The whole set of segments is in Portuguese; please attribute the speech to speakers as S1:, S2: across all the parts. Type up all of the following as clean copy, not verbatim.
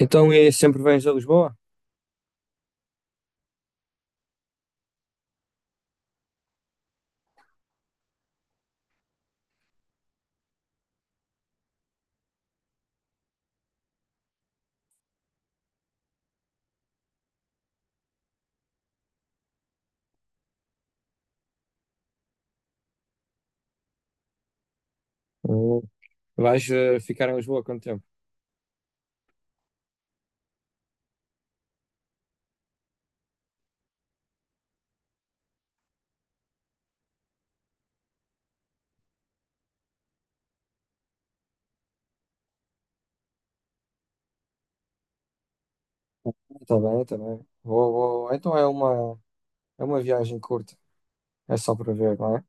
S1: Então, e sempre vens a Lisboa? Ou Vais ficar em Lisboa quanto tempo? Está bem, está bem. Vou. Então é uma viagem curta. É só para ver, não é?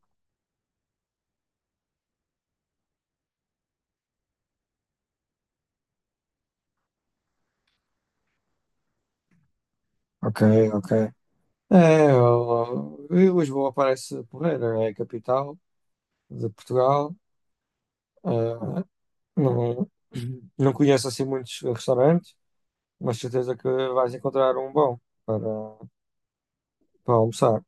S1: Ok, ok. É, Lisboa parece porreira. É a capital de Portugal. Eh, não, não conheço assim muitos restaurantes, mas certeza que vais encontrar um bom para, para almoçar.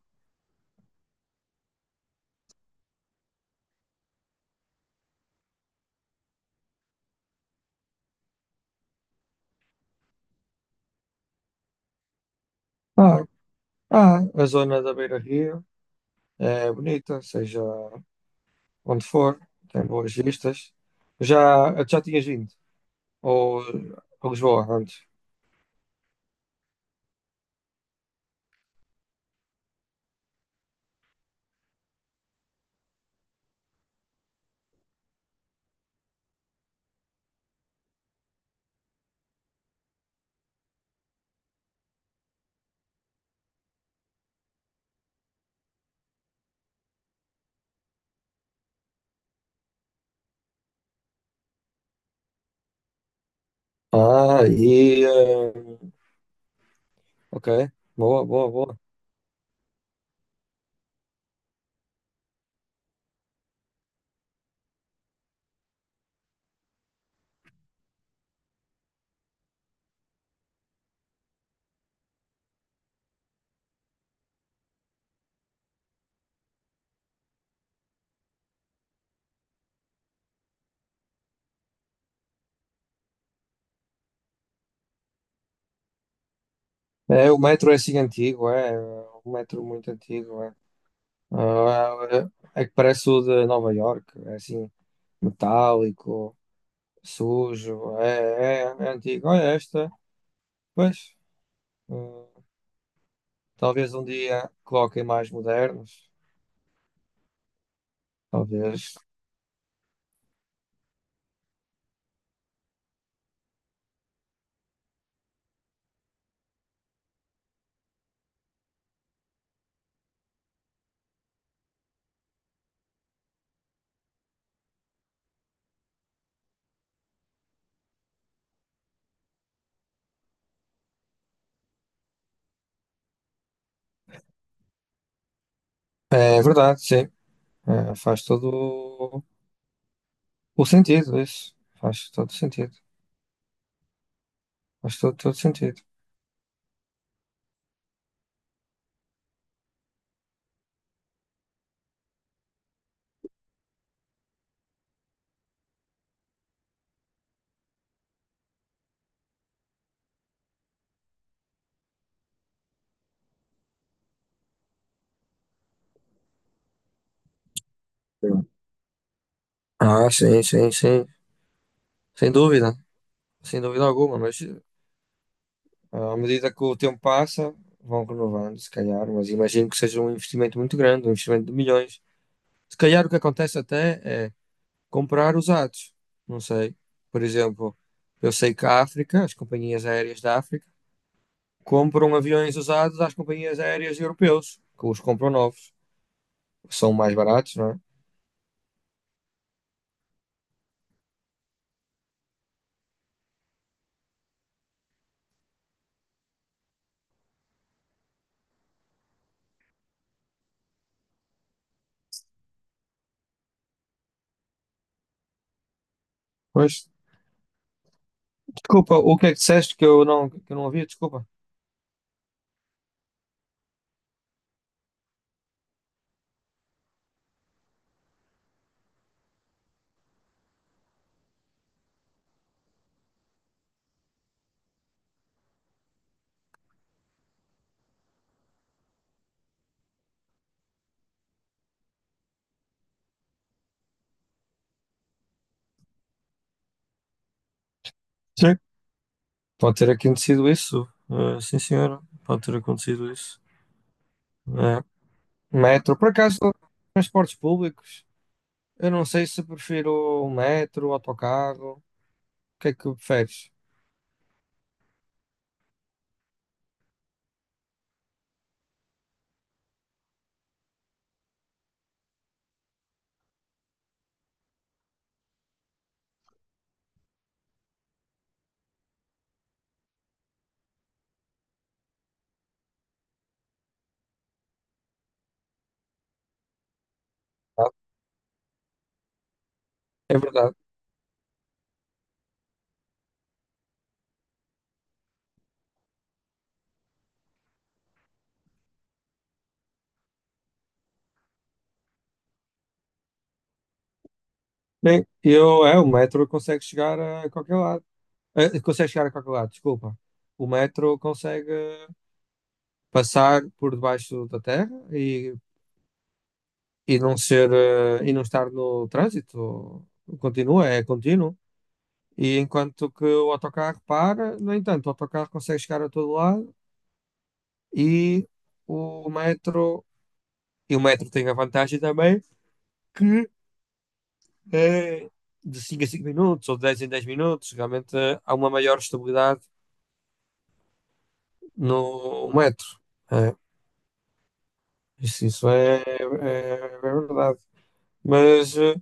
S1: Ah, ah, a zona da Beira-Rio é bonita, seja onde for, tem boas vistas. Já tinhas vindo? Ou a Lisboa antes? Ah, ok, boa, boa, boa. É, o metro é assim antigo, é. Um metro muito antigo, é. Ah, é que parece o de Nova York, é assim, metálico, sujo, é antigo. Olha esta, pois. hum, Talvez um dia coloquem mais modernos, talvez. É verdade, sim. É, faz todo. O sentido, isso. Faz todo sentido. Faz todo sentido. Sim. Ah, sim, sim, sim. Sem dúvida. Sem dúvida alguma. Mas à medida que o tempo passa, vão renovando, se calhar. Mas imagino que seja um investimento muito grande, um investimento de milhões. Se calhar o que acontece até é comprar usados. Não sei. Por exemplo, eu sei que a África, as companhias aéreas da África, compram aviões usados às companhias aéreas europeus, que os compram novos. São mais baratos, não é? Pois. Desculpa, o que é que disseste que eu não, ouvi? Desculpa. Sim. Pode ter acontecido isso. Sim, senhora. Pode ter acontecido isso. Uh, Metro. Por acaso, transportes públicos? Eu não sei se prefiro o metro, o autocarro. O que é que preferes? Ah, é verdade. Bem, o metro consegue chegar a qualquer lado. Consegue chegar a qualquer lado, desculpa. O metro consegue passar por debaixo da terra e e não estar no trânsito. Continua, é contínuo. E enquanto que o autocarro para, no entanto, o autocarro consegue chegar a todo lado e o metro, e o metro tem a vantagem também que é de 5 a 5 minutos ou de 10 em 10 minutos, realmente há uma maior estabilidade no metro. É, isso é verdade. Mas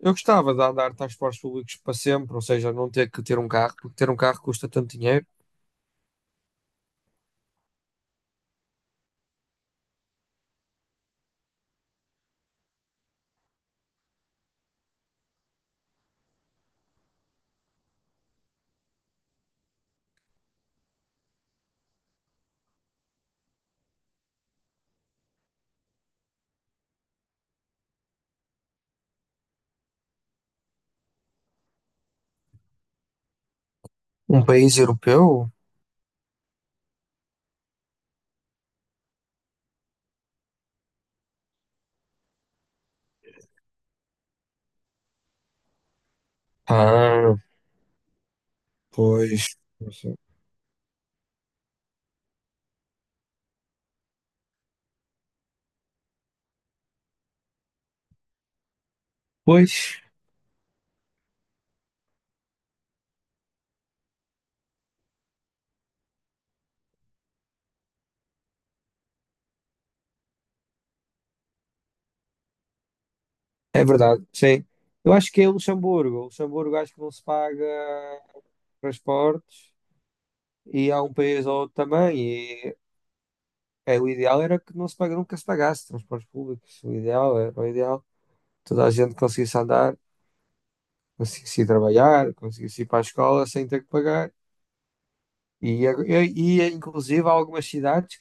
S1: eu gostava de andar de transportes públicos para sempre, ou seja, não ter que ter um carro, porque ter um carro custa tanto dinheiro. Um país europeu? Ah, pois. Não sei. Pois, é verdade, sim. Eu acho que é Luxemburgo. Luxemburgo acho que não se paga transportes e há um país ou outro também. E o ideal era que não se paga, nunca se pagasse transportes públicos. O ideal era o ideal. Toda a gente conseguisse andar, conseguisse ir trabalhar, conseguisse ir para a escola sem ter que pagar. E, inclusive há algumas cidades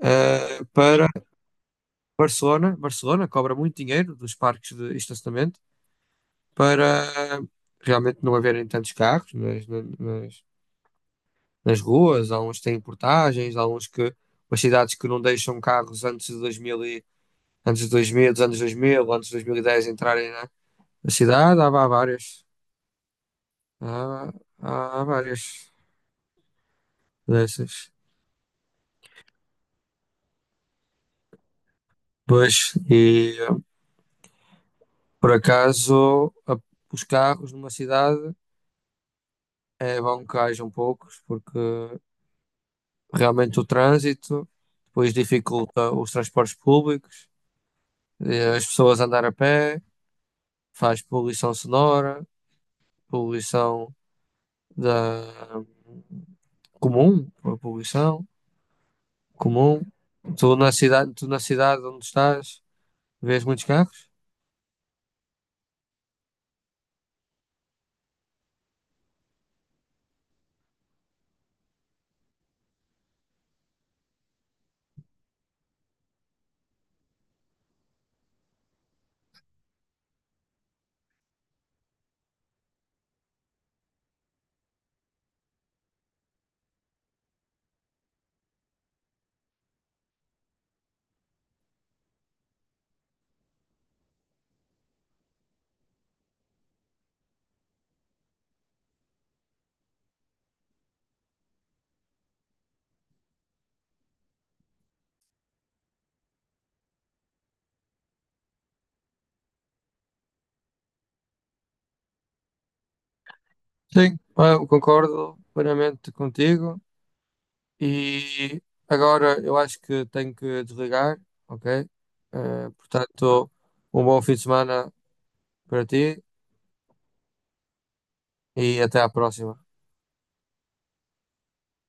S1: para Barcelona. Barcelona cobra muito dinheiro dos parques de estacionamento para realmente não haverem tantos carros nas, nas ruas. Há uns que têm portagens, há uns que umas cidades que não deixam carros antes de 2000 antes de 2010 entrarem na, cidade. Há, há várias. Há, há várias dessas. Pois, por acaso, os carros numa cidade é bom que hajam poucos, porque realmente o trânsito depois dificulta os transportes públicos, as pessoas andar a pé, faz poluição sonora, poluição da comum, a poluição comum. Tu na cidade onde estás, vês muitos carros? Sim, eu concordo plenamente contigo. E agora eu acho que tenho que desligar, ok? Portanto, um bom fim de semana para ti e até à próxima.